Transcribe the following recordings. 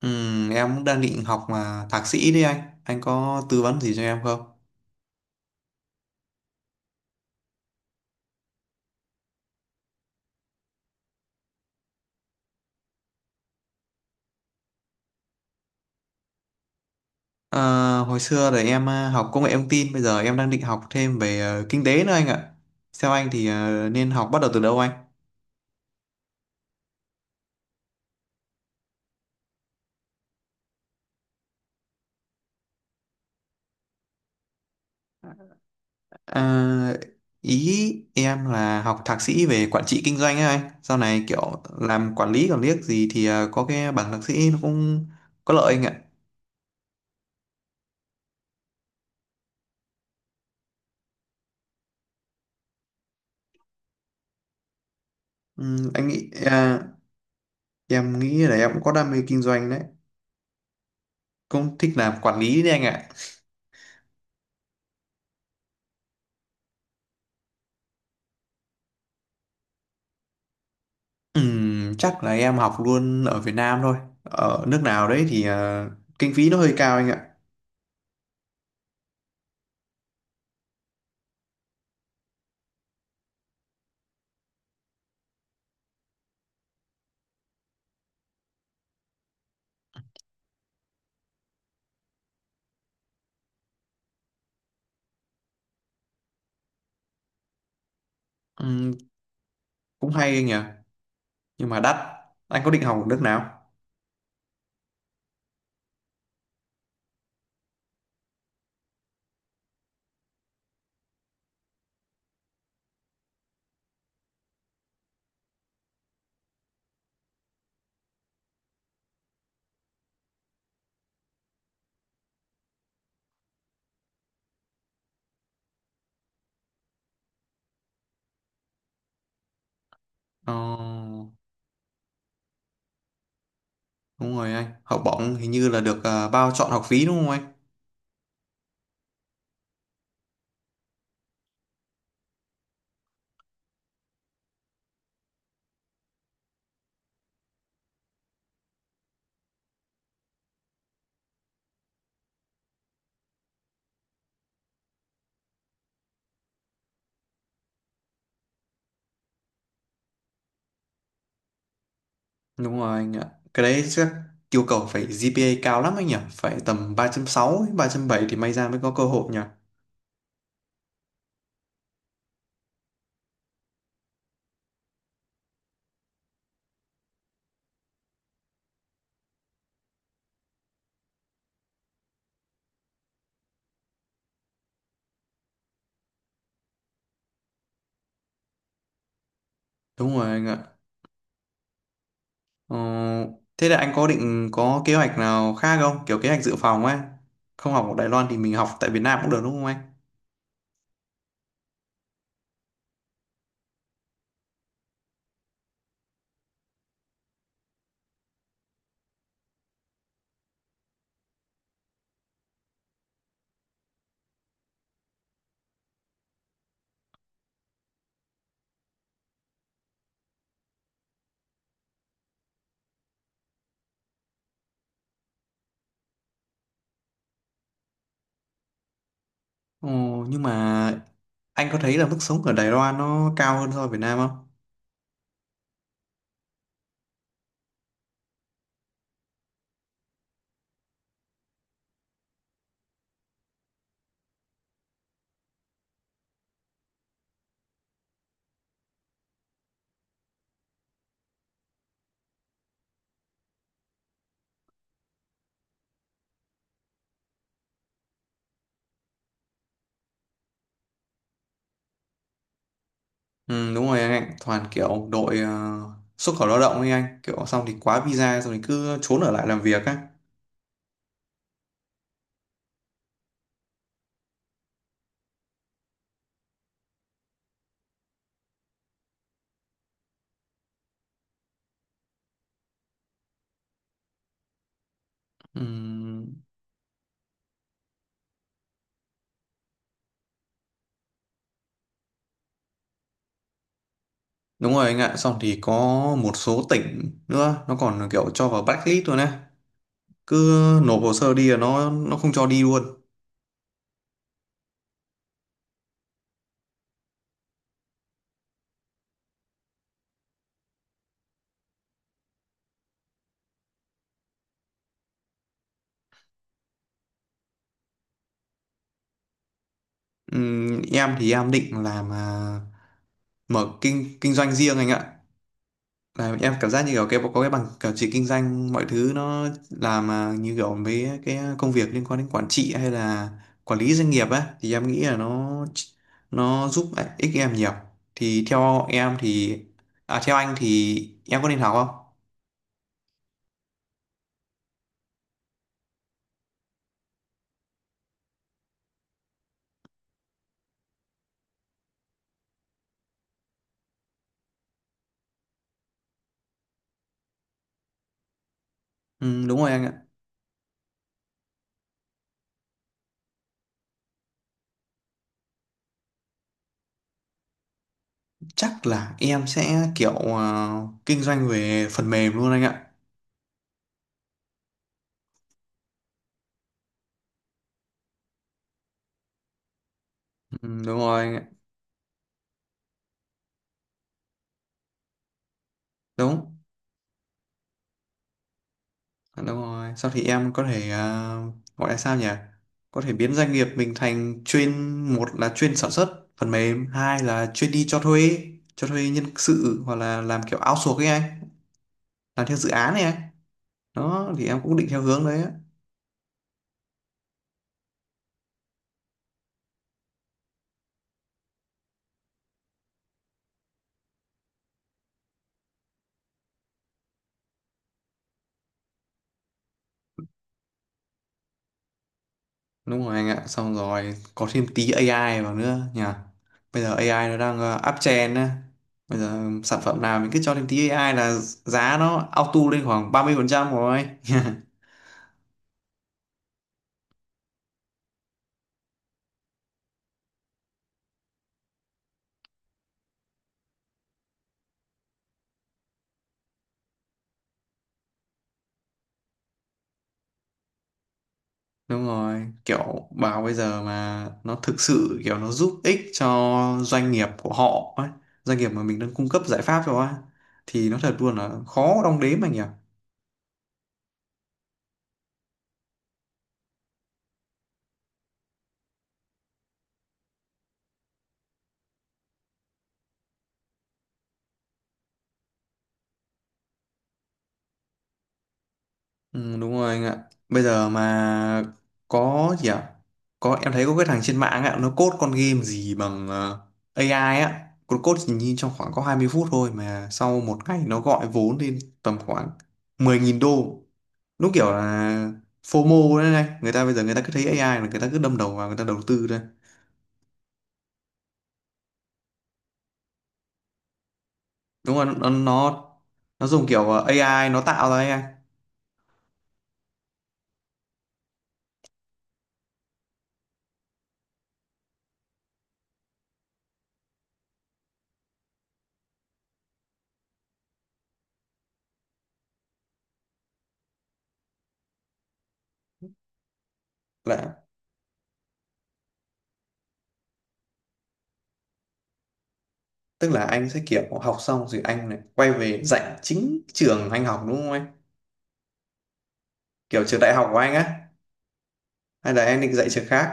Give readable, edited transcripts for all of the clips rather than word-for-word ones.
Ừ, em cũng đang định học mà thạc sĩ đấy anh. Anh có tư vấn gì cho em không? Ờ, hồi xưa thì em học công nghệ thông tin, bây giờ em đang định học thêm về kinh tế nữa anh ạ. Theo anh thì nên học bắt đầu từ đâu anh? Ờ, ý em là học thạc sĩ về quản trị kinh doanh ấy anh. Sau này kiểu làm quản lý còn liếc gì thì có cái bằng thạc sĩ nó cũng có lợi anh ạ. Ừ, em nghĩ là em cũng có đam mê kinh doanh đấy. Cũng thích làm quản lý đấy anh ạ. Chắc là em học luôn ở Việt Nam thôi. Ở nước nào đấy thì kinh phí nó hơi cao anh ạ. Ừm, cũng hay anh nhỉ, nhưng mà đắt. Anh có định học ở nước nào? Ờ, đúng rồi anh. Học bổng hình như là được bao chọn học phí đúng không anh? Đúng rồi anh ạ. Cái đấy chắc yêu cầu phải GPA cao lắm anh nhỉ. Phải tầm 3.6 3.7 thì may ra mới có cơ hội nhỉ. Đúng rồi anh ạ. Ờ, thế là anh có định có kế hoạch nào khác không? Kiểu kế hoạch dự phòng ấy. Không học ở Đài Loan thì mình học tại Việt Nam cũng được đúng không anh? Ồ, nhưng mà anh có thấy là mức sống ở Đài Loan nó cao hơn so với Việt Nam không? Ừ, đúng rồi anh ạ. Toàn kiểu đội xuất khẩu lao động ấy anh. Kiểu xong thì quá visa xong thì cứ trốn ở lại làm việc á. Ừ, đúng rồi anh ạ. Xong thì có một số tỉnh nữa nó còn kiểu cho vào blacklist luôn á. Cứ nộp hồ sơ đi là nó không cho đi luôn. Ừ, em thì em định làm mở kinh kinh doanh riêng anh ạ. Là em cảm giác như kiểu có cái bằng cả trị kinh doanh mọi thứ nó làm như kiểu với cái công việc liên quan đến quản trị hay là quản lý doanh nghiệp á thì em nghĩ là nó giúp ích em nhiều. Thì theo em thì theo anh thì em có nên học không? Ừ, đúng rồi anh ạ. Chắc là em sẽ kiểu à, kinh doanh về phần mềm luôn anh ạ. Ừ, đúng rồi anh ạ. Đúng Đúng rồi. Sau thì em có thể gọi là sao nhỉ? Có thể biến doanh nghiệp mình thành chuyên một là chuyên sản xuất phần mềm, hai là chuyên đi cho thuê nhân sự hoặc là làm kiểu outsource ấy anh, làm theo dự án này anh. Đó thì em cũng định theo hướng đấy á. Đúng rồi anh ạ, xong rồi có thêm tí AI vào nữa nhỉ. Bây giờ AI nó đang up trend á. Bây giờ sản phẩm nào mình cứ cho thêm tí AI là giá nó auto lên khoảng 30% rồi. Đúng rồi, kiểu bảo bây giờ mà nó thực sự kiểu nó giúp ích cho doanh nghiệp của họ ấy, doanh nghiệp mà mình đang cung cấp giải pháp cho á, thì nó thật luôn là khó đong đếm anh nhỉ. Ừ, đúng rồi anh ạ. Bây giờ mà có gì ạ? Có em thấy có cái thằng trên mạng ạ, nó code con game gì bằng AI á, nó code chỉ nhìn trong khoảng có 20 phút thôi mà sau một ngày nó gọi vốn lên tầm khoảng 10.000 đô. Đúng kiểu là FOMO đấy, này người ta bây giờ người ta cứ thấy AI là người ta cứ đâm đầu vào người ta đầu tư thôi, đúng không? Nó dùng kiểu AI nó tạo ra AI. Là tức là anh sẽ kiểu học xong rồi anh này quay về dạy chính trường anh học đúng không anh? Kiểu trường đại học của anh á, hay là em định dạy trường khác?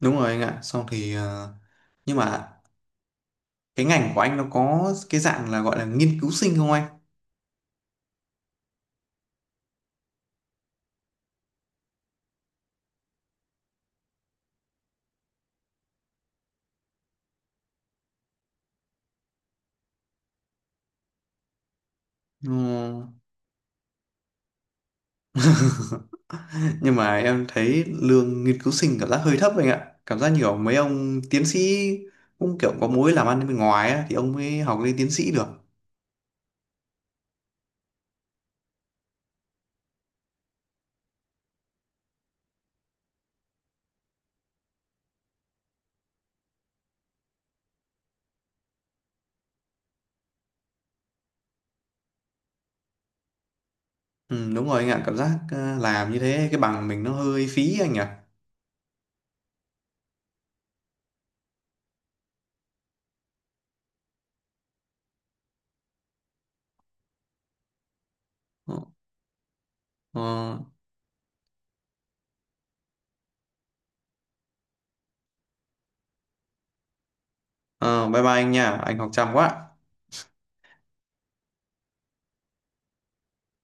Đúng rồi anh ạ, xong thì nhưng mà cái ngành của anh nó có cái dạng là gọi là nghiên cứu sinh không anh? Ừ. Nhưng mà em thấy lương nghiên cứu sinh cảm giác hơi thấp anh ạ, cảm giác nhiều mấy ông tiến sĩ cũng kiểu có mối làm ăn bên ngoài á, thì ông mới học lên tiến sĩ được. Ừ, đúng rồi anh ạ, cảm giác làm như thế cái bằng mình nó hơi phí anh ạ. ờ, ờ, ờ, Bye bye anh nha, anh học chăm quá.